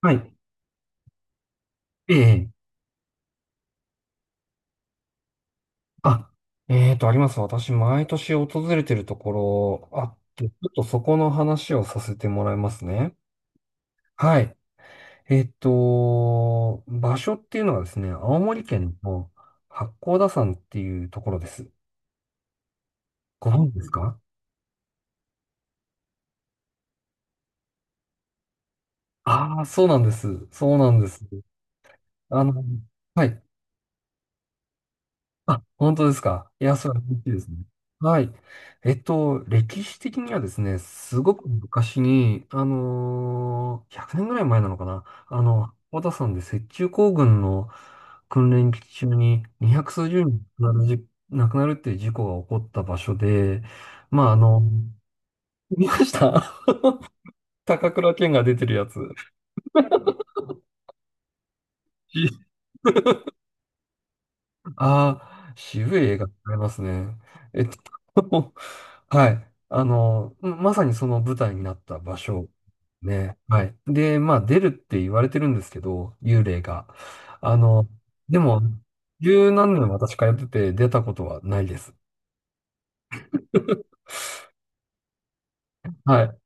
はい。ええ。あ、あります。私、毎年訪れてるところあって、ちょっとそこの話をさせてもらいますね。はい。場所っていうのはですね、青森県の八甲田山っていうところです。ご存知ですか？ああー、そうなんです。そうなんです。あの、はい。あ、本当ですか。いや、それは嬉しいですね。はい。歴史的にはですね、すごく昔に、100年ぐらい前なのかな。小田さんで雪中行軍の訓練期中に200数十人亡くなるっていう事故が起こった場所で、まあ、見ました。 高倉健が出てるやつ。ああ、渋い映画ありますね。えっと、はい。まさにその舞台になった場所。ね。はい。で、まあ、出るって言われてるんですけど、幽霊が。あの、でも、十何年私通ってて出たことはないです。はい。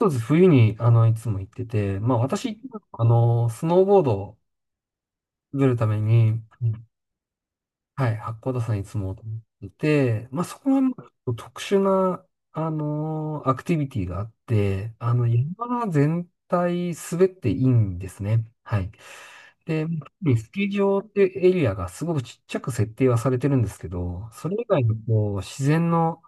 そうです。冬に、いつも行ってて、まあ、私、スノーボードを滑るために、はい、八甲田山いつもと思ってて、まあ、そこはまあちょっと特殊な、アクティビティがあって、山全体滑っていいんですね。はい。で、特にスキー場ってエリアがすごくちっちゃく設定はされてるんですけど、それ以外のこう、自然の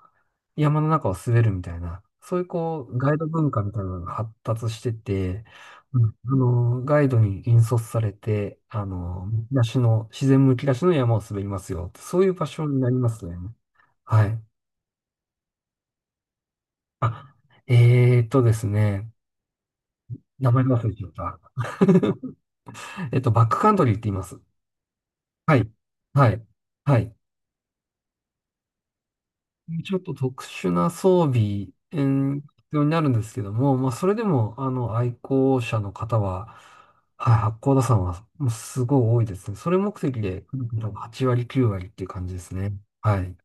山の中を滑るみたいな、そういうこう、ガイド文化みたいなのが発達してて、うん、ガイドに引率されて、むき出しの、自然むき出しの山を滑りますよ。そういう場所になりますね。はい。あ、ですね。名前忘れちゃった。バックカントリーって言います。はい。はい。はい。ちょっと特殊な装備、必要になるんですけども、まあ、それでも、愛好者の方は、はい、八甲田山は、もうすごい多いですね。それ目的で来る方が8割、9割っていう感じですね。はい。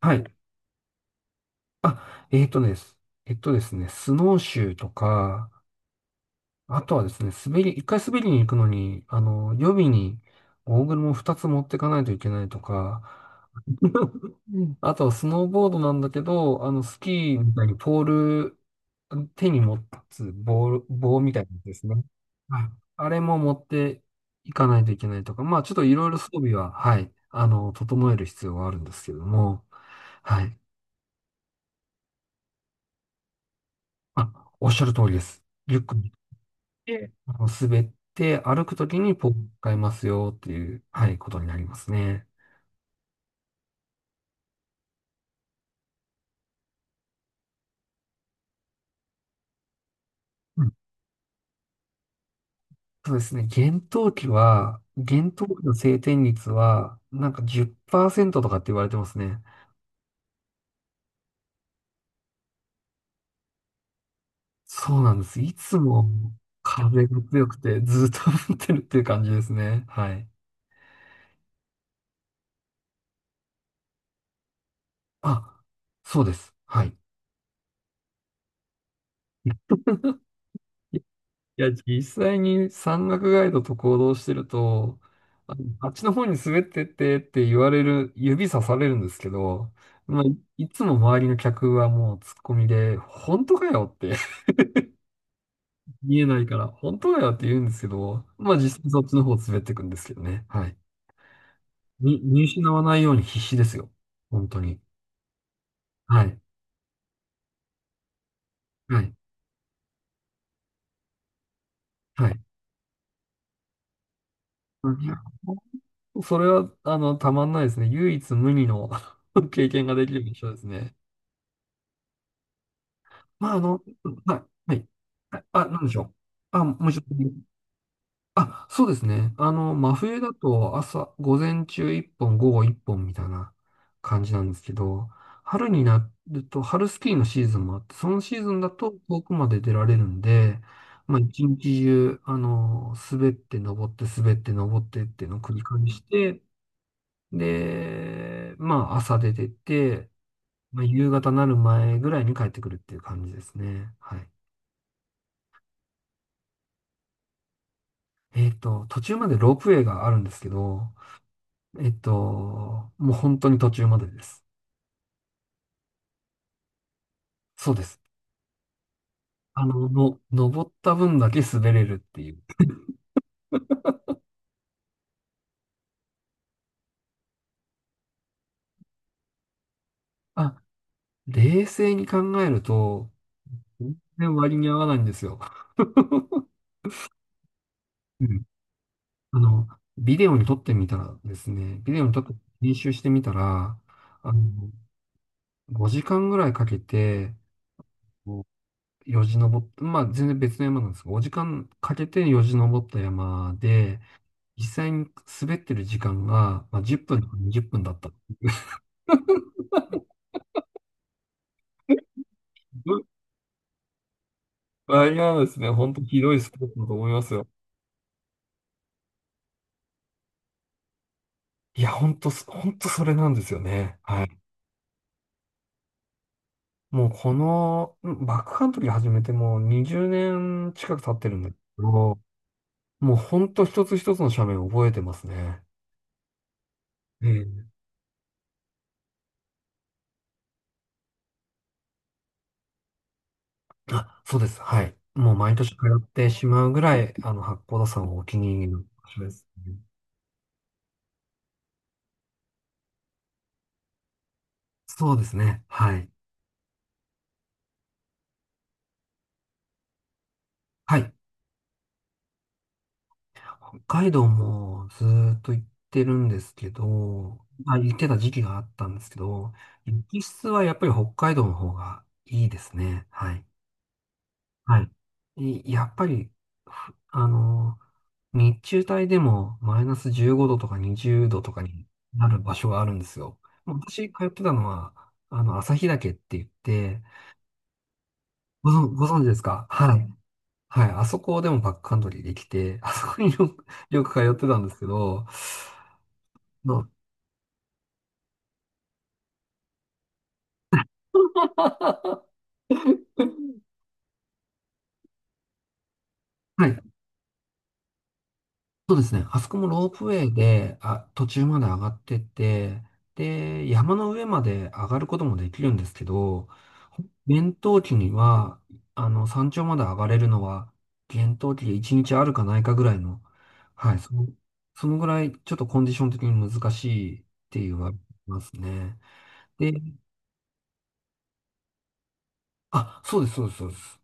はい。あ、えーとです。スノーシューとか、あとはですね、一回滑りに行くのに、予備にゴーグルも二つ持ってかないといけないとか、うん、あとはスノーボードなんだけど、スキーみたいにポール、手に持つ棒みたいなやつですね。はい、あれも持っていかないといけないとか、まあちょっといろいろ装備は、はい、整える必要はあるんですけれども、はい。あ、おっしゃる通りです。リュックで滑って歩くときにポールを使いますよっていう、はい、ことになりますね。うん、そうですね。厳冬期の晴天率は、なんか10%とかって言われてますね。そうなんです。いつも風が強くてずっと降ってるっていう感じですね。はい。あ、そうです。はい。いや、実際に山岳ガイドと行動してると、ああっちの方に滑ってってって言われる、指さされるんですけど、まあ、いつも周りの客はもうツッコミで、本当かよって 見えないから、本当かよって言うんですけど、まあ実際そっちの方滑っていくんですけどね。はい。に、見失わないように必死ですよ。本当に。はい。はい。はい。いやそれは、たまんないですね。唯一無二の 経験ができる場所ですね。まあ、はい、はい。あ、なんでしょう。あ、もうちょっと。あ、そうですね。真冬だと朝、午前中1本、午後1本みたいな感じなんですけど、春になると、春スキーのシーズンもあって、そのシーズンだと遠くまで出られるんで、まあ、一日中、滑って登って、滑って登ってっていうのを繰り返して、で、まあ、朝出てって、まあ、夕方なる前ぐらいに帰ってくるっていう感じですね。はい。途中までロープウェイがあるんですけど、もう本当に途中までです。そうです。登った分だけ滑れるっていう。あ、冷静に考えると、全然割に合わないんですよ。うん。あの、ビデオに撮って練習してみたら、あの、5時間ぐらいかけて、こうよじ登っまあ全然別の山なんですが、5時間かけてよじ登った山で、実際に滑ってる時間が、まあ、10分とか20分だった。割合ですね、本当ひどいスポーツだと思いますよ。いや、本当、本当それなんですよね。はい。もううん、バックカントリー始めてもう20年近く経ってるんだけど、もう本当一つ一つの斜面を覚えてますね。ええ、あ、そうです。はい。もう毎年通ってしまうぐらい、八甲田山はお気に入りの場所ですね。そうですね。はい。はい。北海道もずーっと行ってるんですけど、まあ、行ってた時期があったんですけど、雪質はやっぱり北海道の方がいいですね。はい。はい。いやっぱり、ふあの、日中帯でもマイナス15度とか20度とかになる場所があるんですよ。もう私通ってたのは、旭岳って言って、ご存知ですか？はい。はい。あそこでもバックカントリーできて、あそこによく、よく通ってたんですけど、の はい。そうですね。あそこもロープウェイで、あ、途中まで上がってって、で、山の上まで上がることもできるんですけど、厳冬期には、山頂まで上がれるのは、厳冬期で1日あるかないかぐらいの、はい、そのぐらい、ちょっとコンディション的に難しいって言われますね。で、あ、そうです、そうです、そうです。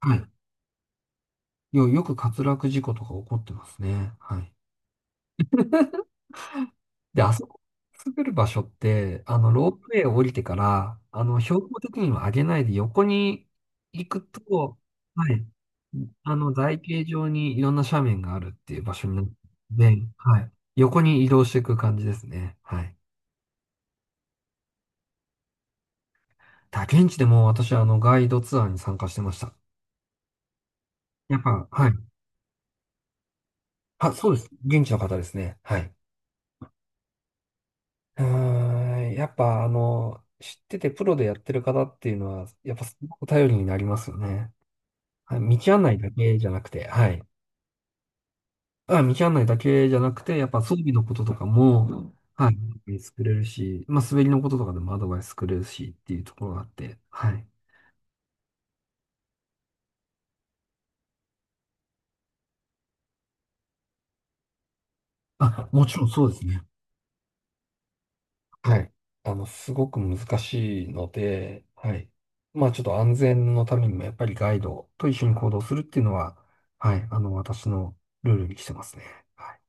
はい。よく滑落事故とか起こってますね。はい。で、あそこ滑る場所って、ロープウェイを降りてから、標高的には上げないで横に行くと、はい、台形状にいろんな斜面があるっていう場所になるので、はい、横に移動していく感じですね。はい。だ現地でも私、ガイドツアーに参加してました。やっぱ、はい。あ、そうです。現地の方ですね。はい。うーん、やっぱ、知っててプロでやってる方っていうのは、やっぱすごく頼りになりますよね。はい、道案内だけじゃなくて、はい。あ、道案内だけじゃなくて、やっぱ装備のこととかも、はい、作れるし、まあ、滑りのこととかでもアドバイス作れるしっていうところがあって、はい。あ、もちろんそうですね。はい。すごく難しいので、はい。まあ、ちょっと安全のためにも、やっぱりガイドと一緒に行動するっていうのは、はい、私のルールにしてますね。はい。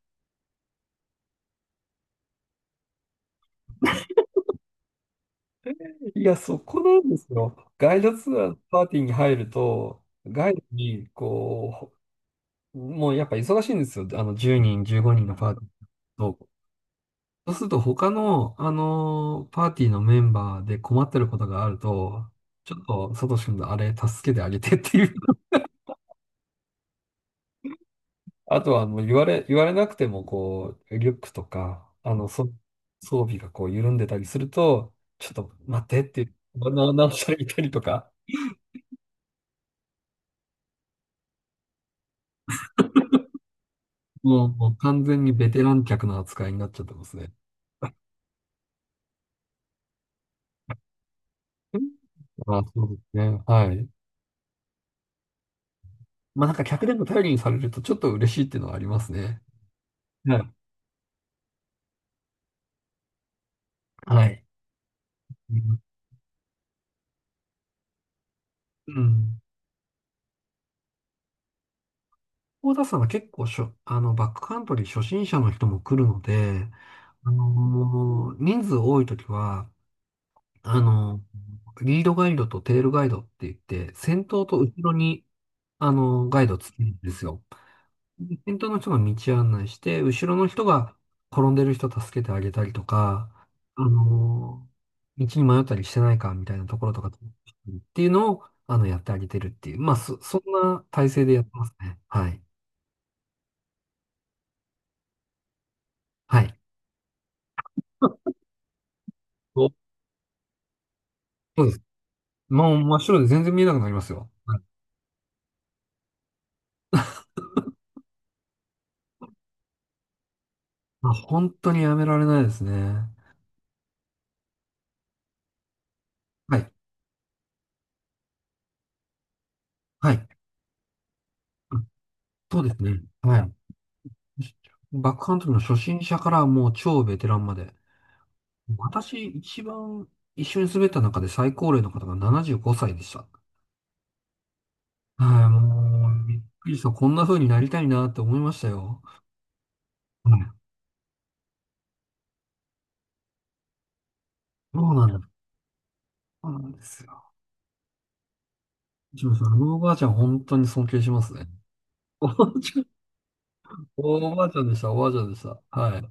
いや、そこなんですよ。ガイドツアーのパーティーに入ると、ガイドに、もうやっぱ忙しいんですよ。10人、15人のパーティーと。そうすると他の、パーティーのメンバーで困ってることがあると、ちょっと、サトシ君のあれ助けてあげてっていう。あとはもう言われなくても、こう、リュックとか、装備がこう緩んでたりすると、ちょっと待ってって、直してあげたりとか、もう完全にベテラン客の扱いになっちゃってますね。うん。あ、そうですね。はい。まあなんか客でも頼りにされるとちょっと嬉しいっていうのはありますね。はい。はい。うん。大田さんは結構バックカントリー初心者の人も来るので、人数多いときは、あのリードガイドとテールガイドって言って、先頭と後ろに、ガイドつけるんですよ。先頭の人が道案内して、後ろの人が転んでる人助けてあげたりとか、あの道に迷ったりしてないかみたいなところとかっていうのを、やってあげてるっていう。まあ、そんな体制でやってますね。はい。はい。おそうです。まあ、真っ白で全然見えなくなりますよ。はい。まあ、本当にやめられないですね。はい。はい。うん。そうですね。はい。バックカントリーの初心者からもう超ベテランまで。私、一番一緒に滑った中で最高齢の方が75歳でした。はい、もう、びっくりした。こんな風になりたいなって思いましたよ。はい。そうなんだ。そうなんですよ。一応そのおばあちゃん、本当に尊敬しますね。おばあちゃんでした、おばあちゃんでした。はい。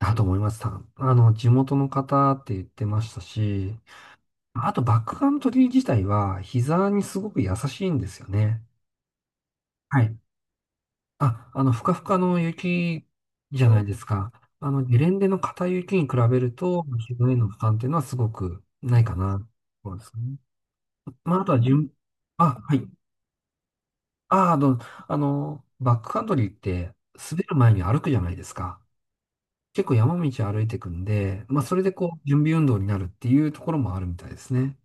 だと思います。地元の方って言ってましたし、あとバックカントリー自体は膝にすごく優しいんですよね。はい。あ、ふかふかの雪じゃないですか。ゲレンデの硬い雪に比べると、ひどいの負担っていうのはすごくないかな。そうですね。まあ、あとはあ、はい。あ、あの、あ、バックカントリーって滑る前に歩くじゃないですか。結構山道歩いていくんで、まあ、それでこう、準備運動になるっていうところもあるみたいですね。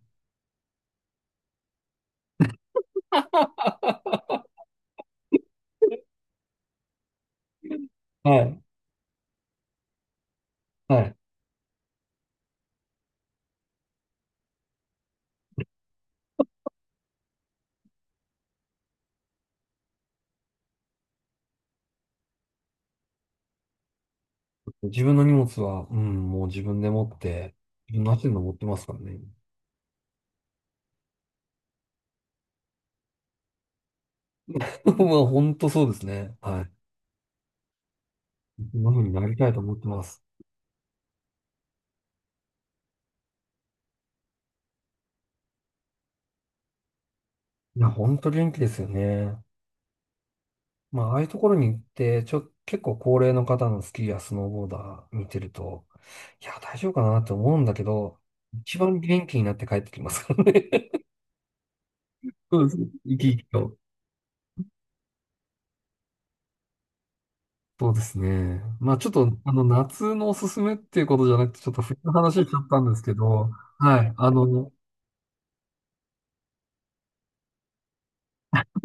はい。はい。自分の荷物は、うん、もう自分で持って、自分の足で登ってますからね。まあ、本当そうですね。はい。ものになりたいと思ってます。いや、ほんと元気ですよね。まあ、ああいうところに行って、結構高齢の方のスキーやスノーボーダー見てると、いや、大丈夫かなって思うんだけど、一番元気になって帰ってきますからね。そうです。生き生きと。そうですね。まあ、ちょっと、夏のおすすめっていうことじゃなくて、ちょっと冬の話しちゃったんですけど、はい。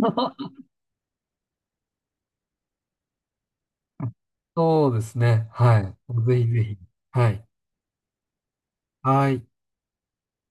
そうですね。はい。ぜひぜひ。はい。はい。